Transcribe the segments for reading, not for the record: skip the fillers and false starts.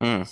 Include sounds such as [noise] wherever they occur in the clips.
Hum.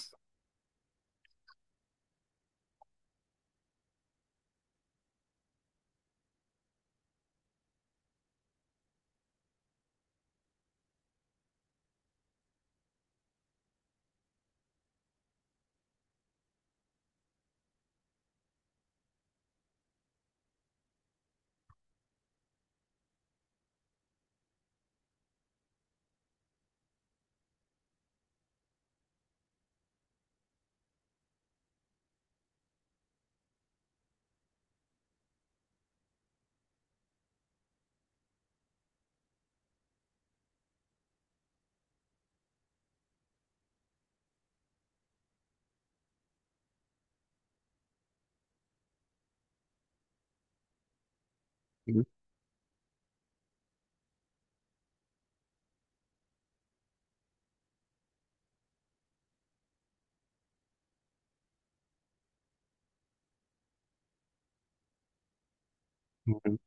Uhum.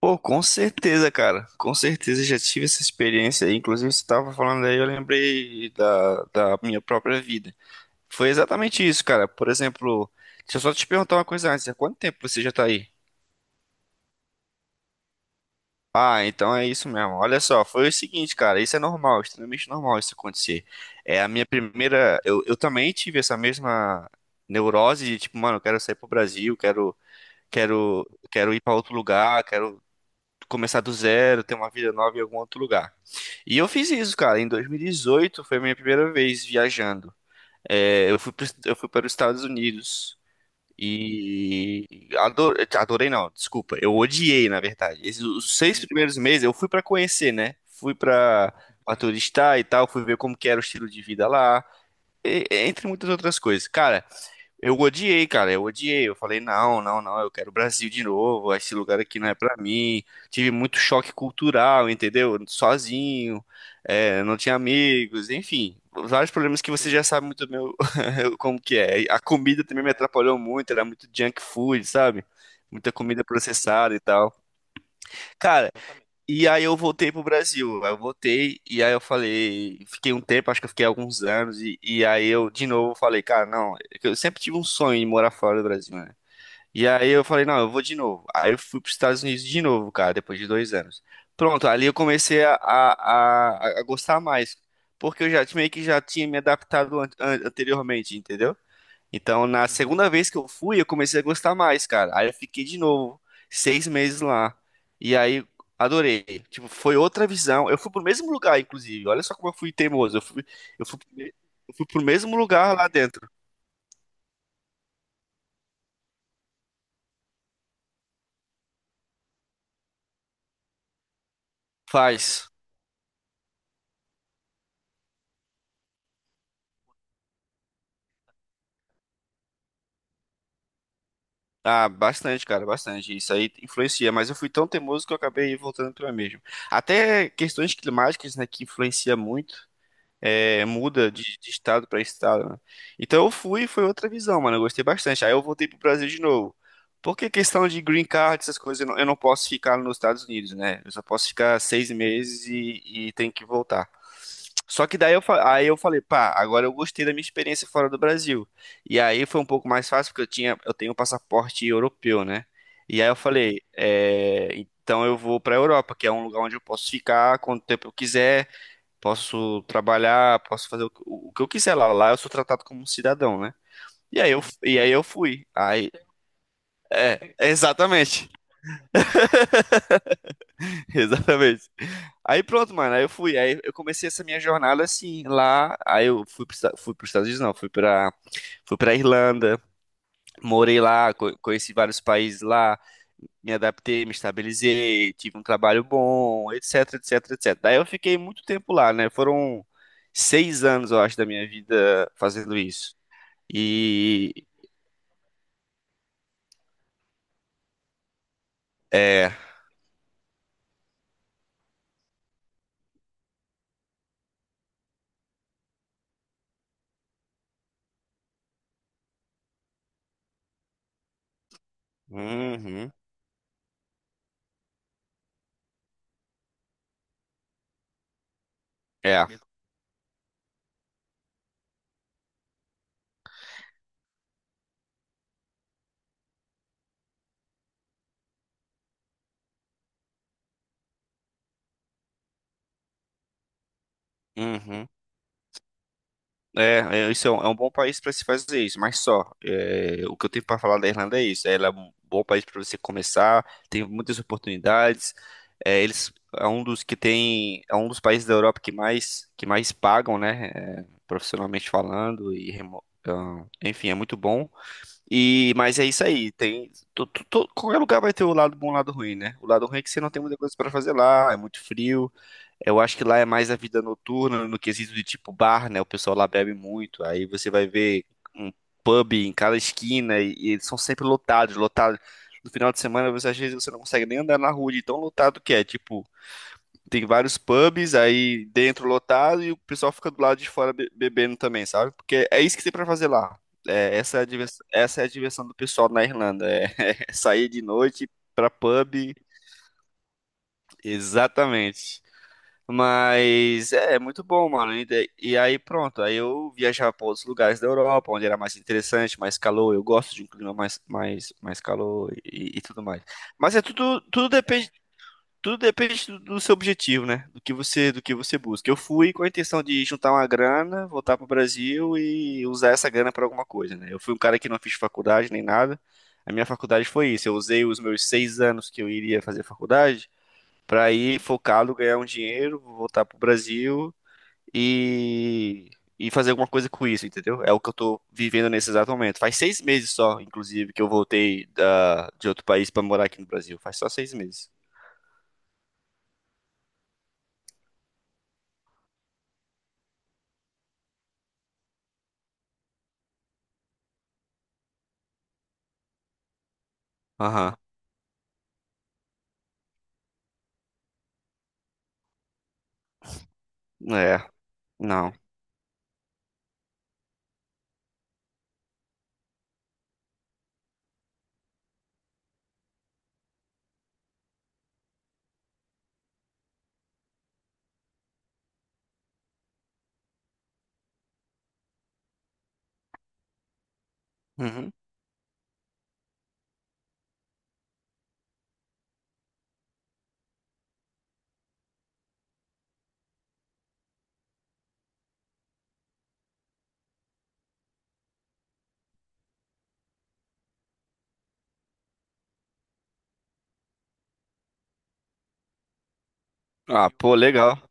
Pô, com certeza, cara. Com certeza já tive essa experiência aí. Inclusive, você tava falando aí, eu lembrei da minha própria vida. Foi exatamente isso, cara. Por exemplo, deixa eu só te perguntar uma coisa antes. Há quanto tempo você já tá aí? Ah, então é isso mesmo. Olha só, foi o seguinte, cara. Isso é normal, extremamente normal isso acontecer. É a minha primeira. Eu também tive essa mesma neurose de tipo, mano, eu quero sair pro Brasil, quero ir pra outro lugar, quero começar do zero, ter uma vida nova em algum outro lugar. E eu fiz isso, cara. Em 2018 foi a minha primeira vez viajando. É, eu fui para os Estados Unidos e adorei, adorei não, desculpa, eu odiei, na verdade. Esses, os seis primeiros meses eu fui para conhecer, né? Fui para turistar e tal, fui ver como que era o estilo de vida lá, entre muitas outras coisas. Cara, eu odiei, cara, eu odiei. Eu falei, não, não, não, eu quero o Brasil de novo. Esse lugar aqui não é pra mim. Tive muito choque cultural, entendeu? Sozinho, é, não tinha amigos, enfim. Vários problemas que você já sabe muito bem [laughs] como que é. A comida também me atrapalhou muito, era muito junk food, sabe? Muita comida processada e tal. Cara, e aí eu voltei pro Brasil. Aí eu voltei e aí eu falei, fiquei um tempo, acho que eu fiquei alguns anos e aí eu de novo falei, cara, não, eu sempre tive um sonho de morar fora do Brasil, né? E aí eu falei, não, eu vou de novo. Aí eu fui pros Estados Unidos de novo, cara, depois de dois anos. Pronto, ali eu comecei a gostar mais, porque eu já meio que já tinha me adaptado anteriormente, entendeu? Então, na segunda vez que eu fui, eu comecei a gostar mais, cara. Aí eu fiquei de novo, seis meses lá. E aí, adorei. Tipo, foi outra visão. Eu fui pro mesmo lugar, inclusive. Olha só como eu fui teimoso. Eu fui, eu fui pro mesmo lugar lá dentro. Faz. Ah, bastante, cara, bastante. Isso aí influencia, mas eu fui tão teimoso que eu acabei voltando pra mesmo. Até questões climáticas, né, que influencia muito. É, muda de estado para estado, né? Então eu fui, foi outra visão, mano. Eu gostei bastante. Aí eu voltei pro Brasil de novo. Porque questão de green card, essas coisas, eu não posso ficar nos Estados Unidos, né? Eu só posso ficar seis meses e tenho que voltar. Só que daí aí eu falei, pá, agora eu gostei da minha experiência fora do Brasil. E aí foi um pouco mais fácil, porque eu tenho um passaporte europeu, né? E aí eu falei, é, então eu vou pra Europa, que é um lugar onde eu posso ficar quanto tempo eu quiser, posso trabalhar, posso fazer o que eu quiser lá. Lá eu sou tratado como um cidadão, né? E aí eu fui. Aí, é, exatamente. [laughs] Exatamente. Aí pronto, mano. Aí eu fui. Aí eu comecei essa minha jornada assim, lá. Aí eu fui para fui os Estados Unidos, não. Fui pra Irlanda. Morei lá, conheci vários países lá. Me adaptei, me estabilizei. Tive um trabalho bom, etc, etc, etc. Daí eu fiquei muito tempo lá, né? Foram seis anos, eu acho, da minha vida fazendo isso. E é, uhum, é, uhum, é, é, isso é um bom país para se fazer isso, mas só, é, o que eu tenho para falar da Irlanda é isso, ela é um bom país para você começar, tem muitas oportunidades, é, eles é um dos que tem, é um dos países da Europa que mais pagam, né, é, profissionalmente falando e enfim, é muito bom. E, mas é isso aí. Tem, to- to- to- Qualquer lugar vai ter o lado bom e o lado ruim, né? O lado ruim é que você não tem muita coisa para fazer lá, é muito frio. Eu acho que lá é mais a vida noturna, no quesito de tipo bar, né? O pessoal lá bebe muito. Aí você vai ver um pub em cada esquina e eles são sempre lotados, lotados. No final de semana, às vezes você não consegue nem andar na rua de tão lotado que é. Tipo, tem vários pubs aí dentro lotado e o pessoal fica do lado de fora bebendo também, sabe? Porque é isso que tem pra fazer lá. É, essa é a diversão, essa é a diversão do pessoal na Irlanda. É, [laughs] é sair de noite pra pub. Exatamente. Mas é, é muito bom, mano. E aí pronto, aí eu viajava para outros lugares da Europa, onde era mais interessante, mais calor. Eu gosto de um clima mais calor e tudo mais. Mas é tudo depende do seu objetivo, né? Do que você busca. Eu fui com a intenção de juntar uma grana, voltar para o Brasil e usar essa grana para alguma coisa, né? Eu fui um cara que não fiz faculdade nem nada. A minha faculdade foi isso. Eu usei os meus seis anos que eu iria fazer faculdade para ir focado, ganhar um dinheiro, voltar pro Brasil e, e fazer alguma coisa com isso, entendeu? É o que eu tô vivendo nesse exato momento. Faz seis meses só, inclusive, que eu voltei de outro país para morar aqui no Brasil. Faz só seis meses. Aham. É, não. Uhum. Ah, pô, legal.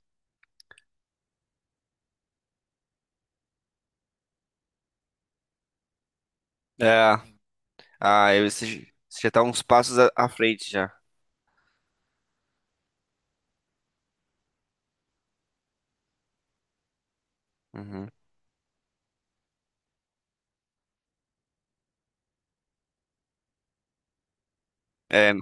É. Ah, eu, você você já tá uns passos à frente já. Uhum. É,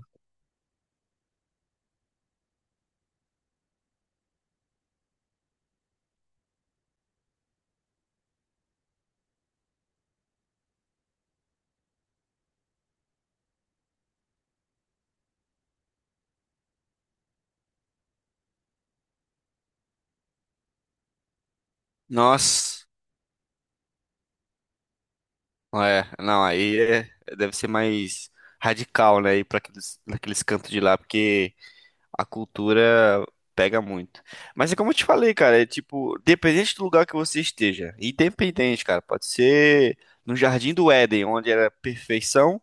nossa. É, não, deve ser mais radical, né, ir pra aqueles, naqueles cantos de lá, porque a cultura pega muito. Mas é como eu te falei, cara, é tipo, dependente do lugar que você esteja, independente, cara, pode ser no Jardim do Éden, onde era perfeição,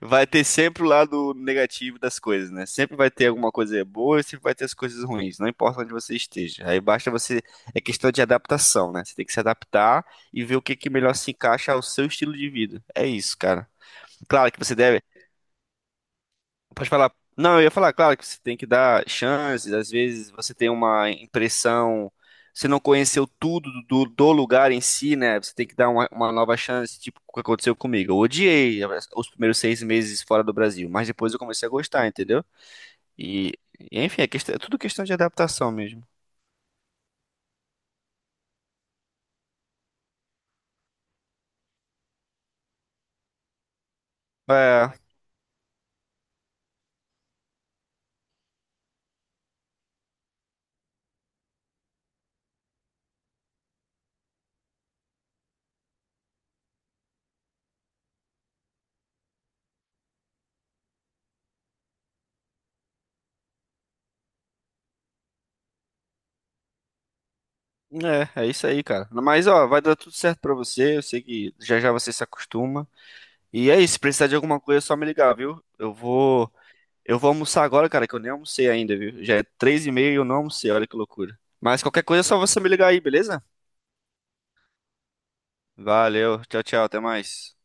vai ter sempre o lado negativo das coisas, né? Sempre vai ter alguma coisa boa e sempre vai ter as coisas ruins, não importa onde você esteja. Aí basta você, é questão de adaptação, né? Você tem que se adaptar e ver o que que melhor se encaixa ao seu estilo de vida. É isso, cara. Claro que você deve. Pode falar. Não, eu ia falar, claro, que você tem que dar chances, às vezes você tem uma impressão, você não conheceu tudo do lugar em si, né? Você tem que dar uma nova chance, tipo o que aconteceu comigo. Eu odiei os primeiros seis meses fora do Brasil, mas depois eu comecei a gostar, entendeu? E, enfim, é tudo questão de adaptação mesmo. É, é, isso aí, cara. Mas, ó, vai dar tudo certo pra você, eu sei que já já você se acostuma. E é isso, se precisar de alguma coisa é só me ligar, viu? Eu vou. Eu vou almoçar agora, cara, que eu nem almocei ainda, viu? Já é 3:30 e eu não almocei, olha que loucura. Mas qualquer coisa é só você me ligar aí, beleza? Valeu, tchau, tchau, até mais.